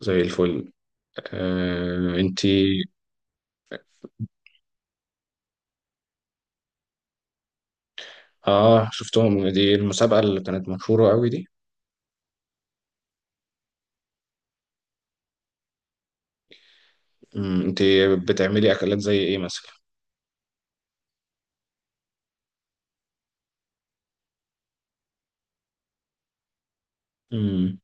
زي الفل. آه، انتي؟ اه، شفتهم. دي المسابقة اللي كانت مشهورة قوي دي. انتي بتعملي اكلات زي ايه مثلا؟ مم،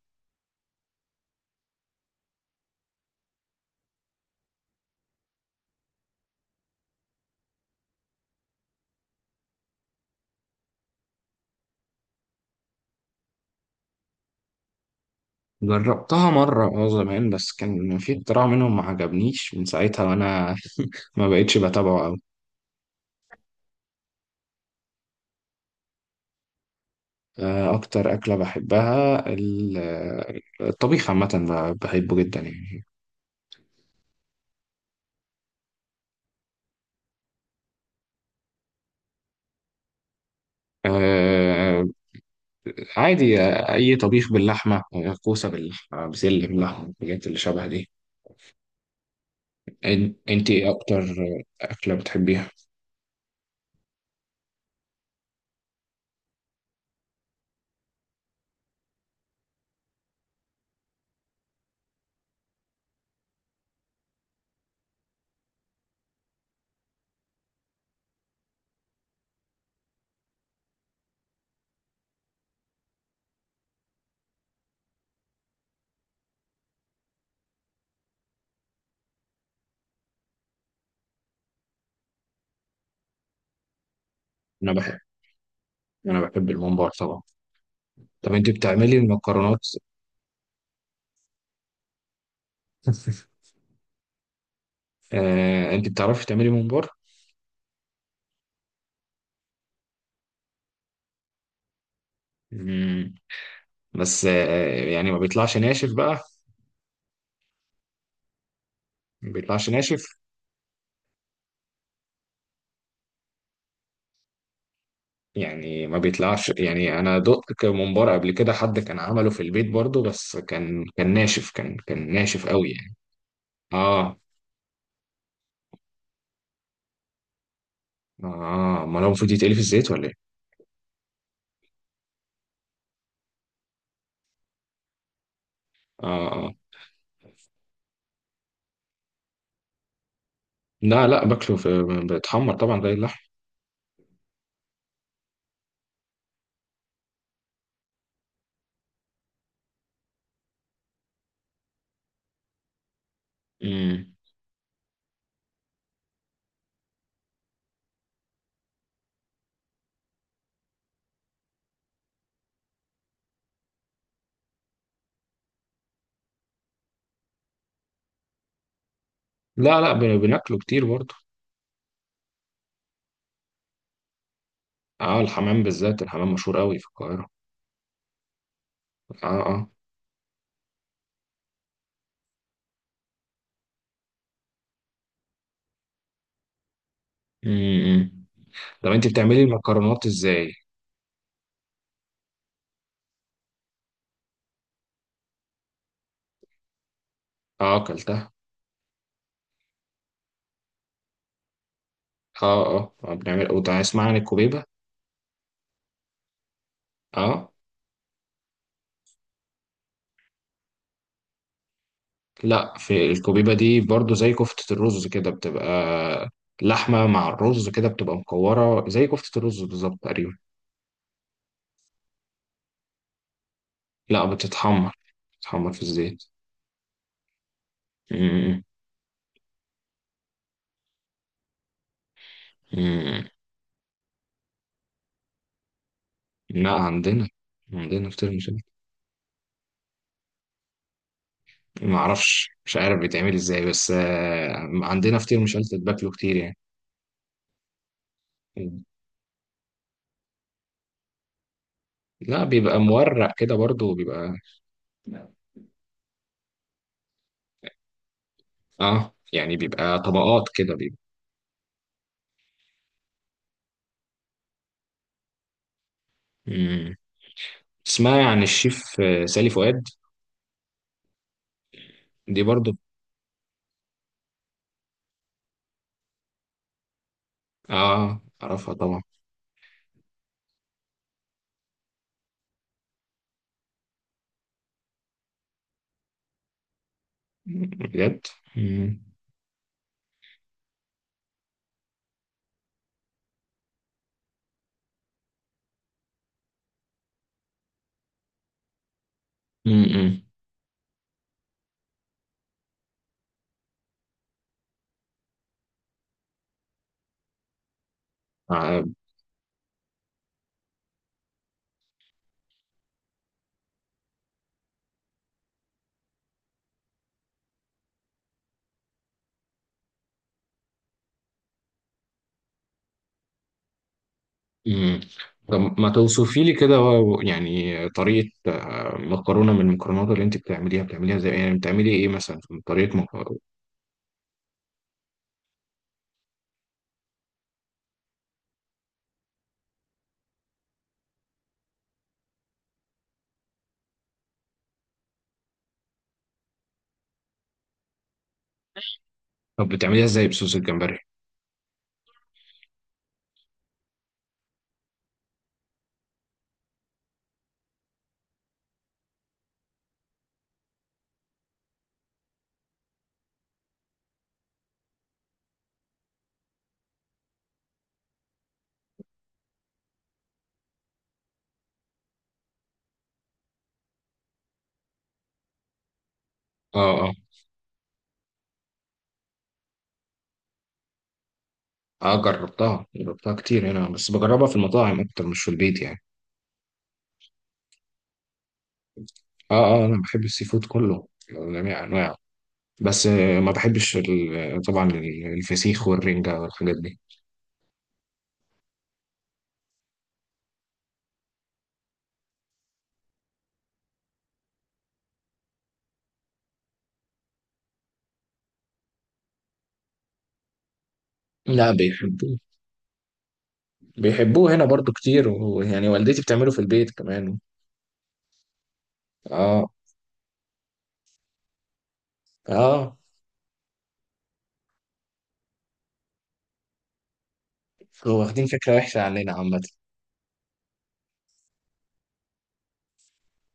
جربتها مرة زمان، بس كان في اختراع منهم ما عجبنيش، من ساعتها وانا ما بقتش بتابعه قوي. اكتر اكلة بحبها الطبيخ عامة، بحبه جدا يعني. آه، عادي. اي طبيخ باللحمة، كوسة باللحمة، بسلة باللحمة، الحاجات اللي شبه دي. انت ايه اكتر اكله بتحبيها؟ انا بحب. انا بحب الممبار طبعا. طب انت بتعملي المكرونات؟ انت بتعرفي تعملي ممبار؟ مم. بس يعني ما بيطلعش ناشف بقى. ما بيطلعش ناشف. يعني ما بيطلعش، يعني انا دقت ممبار قبل كده، حد كان عمله في البيت برضو، بس كان ناشف، كان ناشف قوي يعني. اه اه، ما هو المفروض يتقلي في الزيت ولا ايه؟ اه اه. لا لا، باكله في. بيتحمر طبعا زي اللحم. مم. لا لا، بناكله كتير برضه. اه، الحمام بالذات. الحمام مشهور قوي في القاهرة. اه اه. إمم. طب انت بتعملي المكرونات ازاي؟ اه، اكلتها. اه اه، بنعمل او اسمع عن الكوبيبة. اه. لا، في الكوبيبة دي برضه زي كفتة الرز كده بتبقى لحمة مع الرز، كده بتبقى مكورة زي كفتة الرز بالظبط تقريبا. لا، بتتحمر. بتتحمر في الزيت. امم. إمم. لا، عندنا. عندنا كتير. ما اعرفش، مش عارف بيتعمل ازاي، بس عندنا فطير، مش قلت باكله كتير يعني. لا، بيبقى مورق كده برضو بيبقى. اه، يعني بيبقى طبقات كده بيبقى. مم. اسمها عن الشيف سالي فؤاد. دي برضو. اه اعرفها طبعا. مم. بجد. مم. مم. آه. مم. طب ما توصفي لي كده يعني طريقة مكرونة من المكرونات اللي انت بتعمليها، بتعمليها ازاي؟ يعني بتعملي ايه مثلا في طريقة. طب بتعمليها ازاي بصوص الجمبري؟ اه اه اه، جربتها. جربتها كتير هنا بس بجربها في المطاعم اكتر مش في البيت يعني. اه اه، انا بحب السي فود كله، جميع انواعه. بس ما بحبش طبعا الفسيخ والرنجة والحاجات دي. لا، بيحبوه. بيحبوه هنا برضو كتير، ويعني والدتي بتعمله في البيت كمان. اه اه. هو واخدين فكرة وحشة عننا عامة.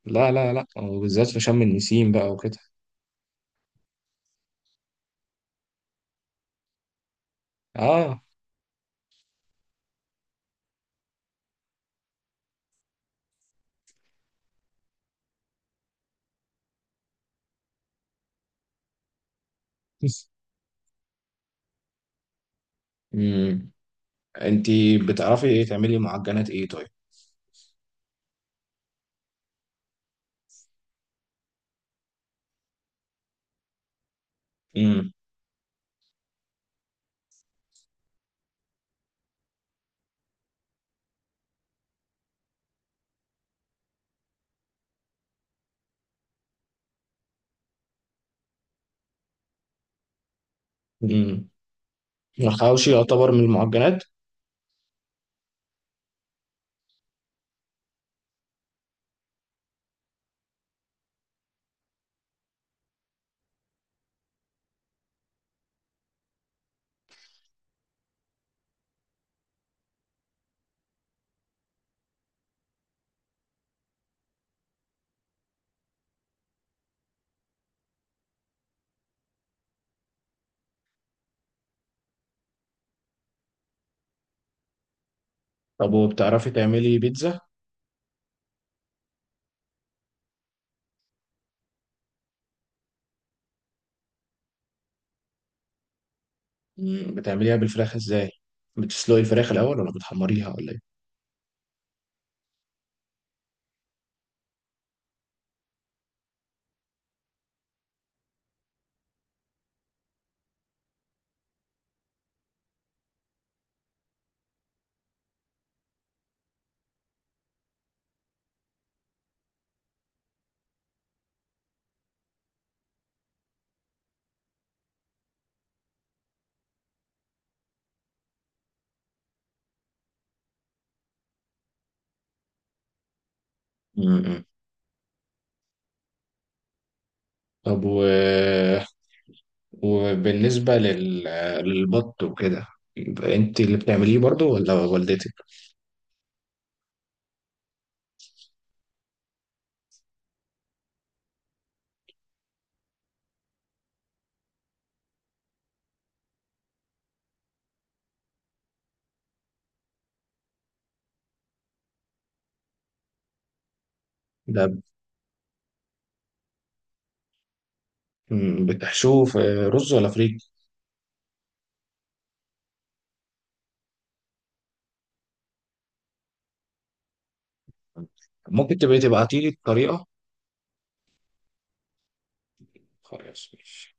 لا لا لا، وبالذات في شم النسيم بقى وكده. اه. امم. انتي بتعرفي ايه تعملي معجنات ايه طيب؟ امم. الحواوشي يعتبر من المعجنات؟ طب وبتعرفي تعملي بيتزا؟ مم. بتعمليها بالفراخ ازاي؟ بتسلقي الفراخ الاول ولا بتحمريها ولا ايه؟ مم. طب وبالنسبة للبط وكده، يبقى انت اللي بتعمليه برضو ولا والدتك؟ ده. مم. بتحشوه في رز ولا فريك؟ ممكن تبقي تبعتيلي الطريقة. خلاص، ماشي.